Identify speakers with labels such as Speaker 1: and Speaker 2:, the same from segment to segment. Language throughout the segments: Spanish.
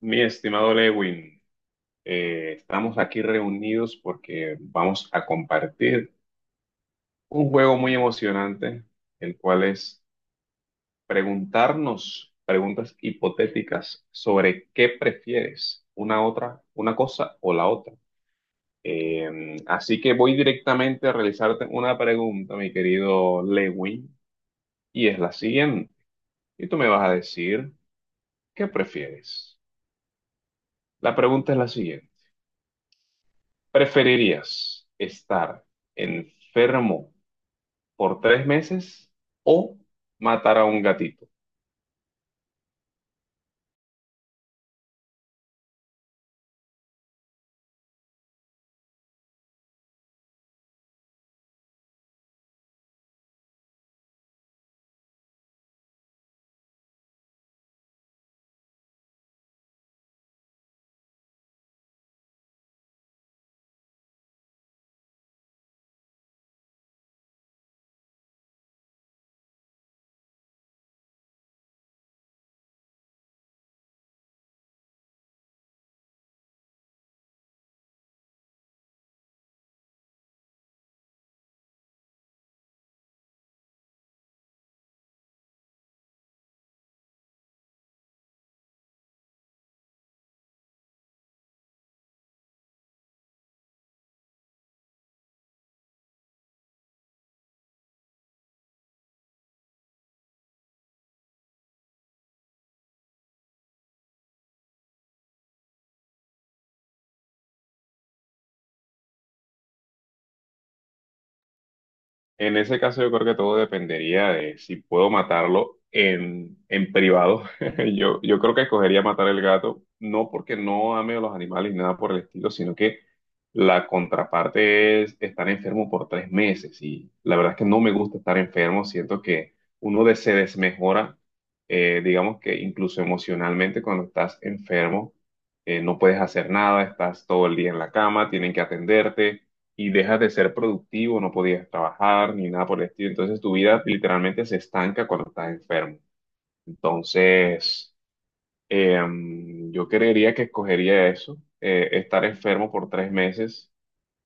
Speaker 1: Mi estimado Lewin, estamos aquí reunidos porque vamos a compartir un juego muy emocionante, el cual es preguntarnos preguntas hipotéticas sobre qué prefieres, una otra, una cosa o la otra. Así que voy directamente a realizarte una pregunta, mi querido Lewin, y es la siguiente. Y tú me vas a decir, ¿qué prefieres? La pregunta es la siguiente. ¿Preferirías estar enfermo por 3 meses o matar a un gatito? En ese caso yo creo que todo dependería de si puedo matarlo en privado. Yo creo que escogería matar el gato, no porque no ame a los animales ni nada por el estilo, sino que la contraparte es estar enfermo por 3 meses. Y la verdad es que no me gusta estar enfermo, siento que se desmejora, digamos que incluso emocionalmente cuando estás enfermo, no puedes hacer nada, estás todo el día en la cama, tienen que atenderte y dejas de ser productivo, no podías trabajar ni nada por el estilo. Entonces tu vida literalmente se estanca cuando estás enfermo. Entonces, yo creería que escogería eso, estar enfermo por 3 meses.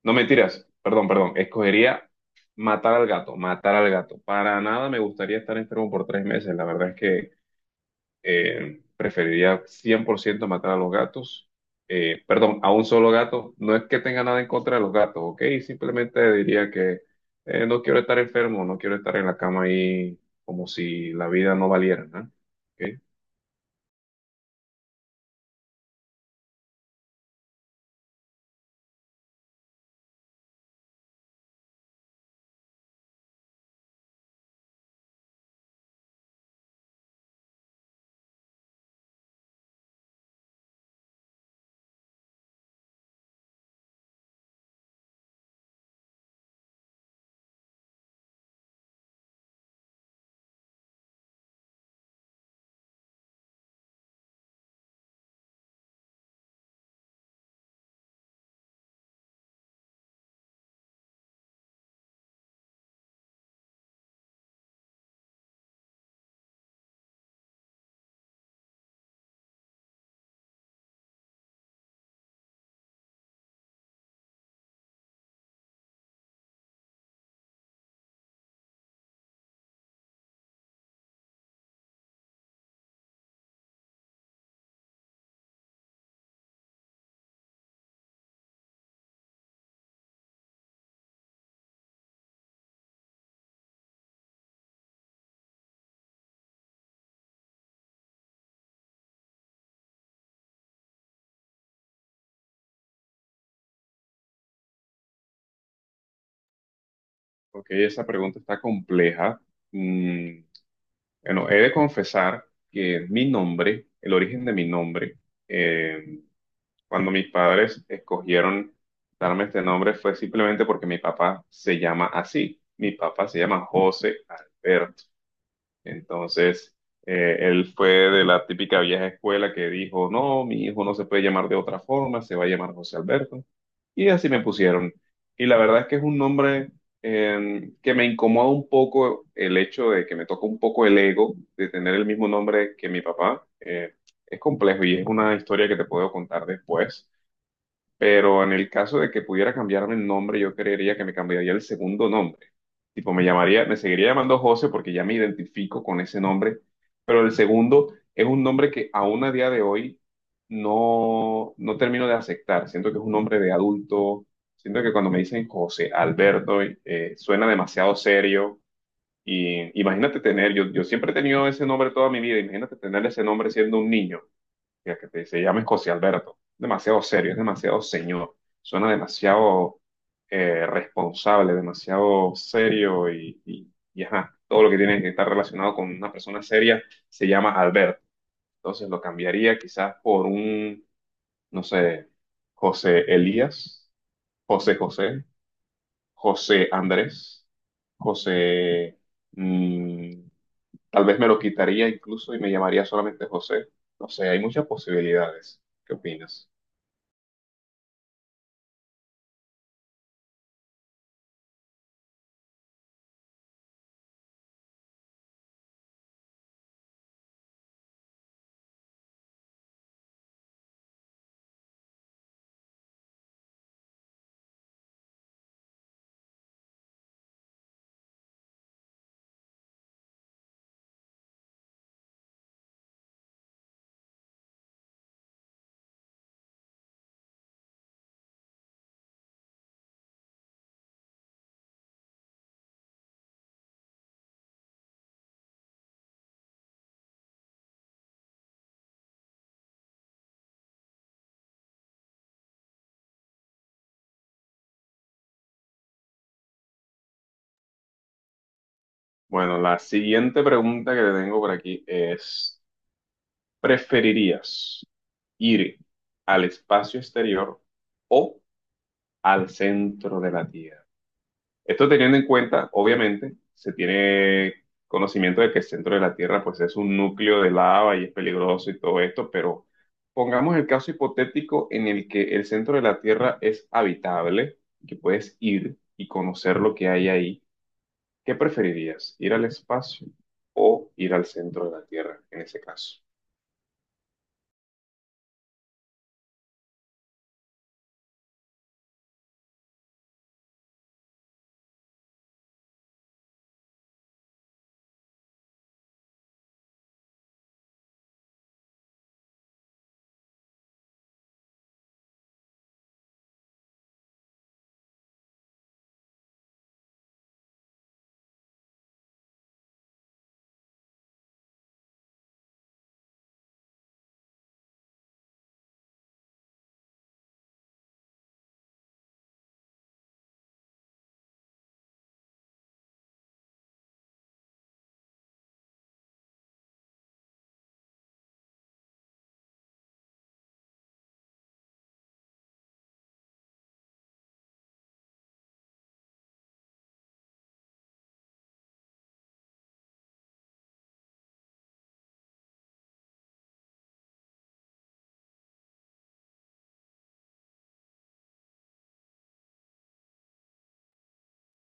Speaker 1: No mentiras, perdón, perdón, escogería matar al gato, matar al gato. Para nada me gustaría estar enfermo por 3 meses. La verdad es que preferiría 100% matar a los gatos. Perdón, a un solo gato. No es que tenga nada en contra de los gatos, ¿ok? Simplemente diría que no quiero estar enfermo, no quiero estar en la cama ahí como si la vida no valiera, ¿no? ¿Ok? Ok, esa pregunta está compleja. Mm, bueno, he de confesar que mi nombre, el origen de mi nombre, eh, cuando mis padres escogieron darme este nombre fue simplemente porque mi papá se llama así. Mi papá se llama José Alberto. Entonces, él fue de la típica vieja escuela que dijo, no, mi hijo no se puede llamar de otra forma, se va a llamar José Alberto. Y así me pusieron. Y la verdad es que es un nombre que me incomoda un poco el hecho de que me toca un poco el ego de tener el mismo nombre que mi papá. Es complejo y es una historia que te puedo contar después. Pero en el caso de que pudiera cambiarme el nombre, yo creería que me cambiaría el segundo nombre. Tipo, me llamaría, me seguiría llamando José porque ya me identifico con ese nombre, pero el segundo es un nombre que aún a día de hoy no, no termino de aceptar. Siento que es un nombre de adulto, siento que cuando me dicen José Alberto, suena demasiado serio. Y imagínate tener, yo siempre he tenido ese nombre toda mi vida, imagínate tener ese nombre siendo un niño. Mira, se llama José Alberto. Demasiado serio, es demasiado señor. Suena demasiado responsable, demasiado serio y ajá, todo lo que tiene que estar relacionado con una persona seria se llama Alberto. Entonces lo cambiaría quizás por un, no sé, José Elías, José José, José Andrés, José... mm, Tal vez me lo quitaría incluso y me llamaría solamente José. No sé, hay muchas posibilidades. ¿Qué opinas? Bueno, la siguiente pregunta que te tengo por aquí es, ¿preferirías ir al espacio exterior o al centro de la Tierra? Esto teniendo en cuenta, obviamente, se tiene conocimiento de que el centro de la Tierra pues es un núcleo de lava y es peligroso y todo esto, pero pongamos el caso hipotético en el que el centro de la Tierra es habitable, que puedes ir y conocer lo que hay ahí. ¿Qué preferirías? ¿Ir al espacio o ir al centro de la Tierra en ese caso?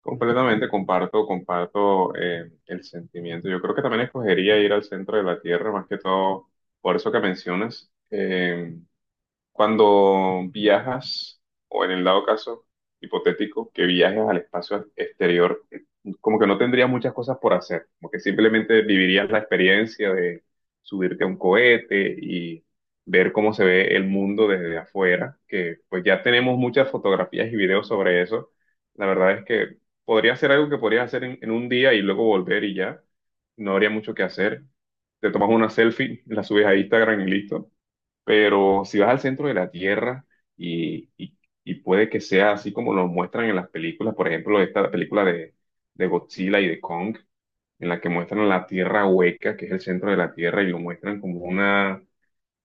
Speaker 1: Completamente comparto el sentimiento. Yo creo que también escogería ir al centro de la Tierra, más que todo por eso que mencionas. Cuando viajas, o en el dado caso hipotético, que viajes al espacio exterior, como que no tendrías muchas cosas por hacer, como que simplemente vivirías la experiencia de subirte a un cohete y ver cómo se ve el mundo desde afuera, que pues ya tenemos muchas fotografías y videos sobre eso. La verdad es que podría ser algo que podrías hacer en un día y luego volver y ya, no habría mucho que hacer. Te tomas una selfie, la subes a Instagram y listo. Pero si vas al centro de la Tierra y, y- y puede que sea así como lo muestran en las películas, por ejemplo, esta película de Godzilla y de Kong, en la que muestran la Tierra hueca, que es el centro de la Tierra, y lo muestran como una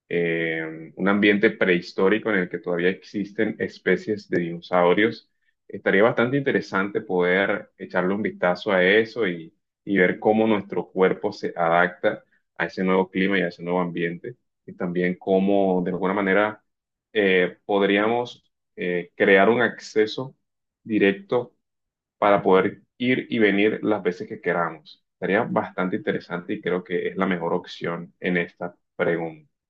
Speaker 1: un ambiente prehistórico en el que todavía existen especies de dinosaurios. Estaría bastante interesante poder echarle un vistazo a eso y ver cómo nuestro cuerpo se adapta a ese nuevo clima y a ese nuevo ambiente. Y también cómo, de alguna manera, podríamos crear un acceso directo para poder ir y venir las veces que queramos. Estaría bastante interesante y creo que es la mejor opción en esta pregunta.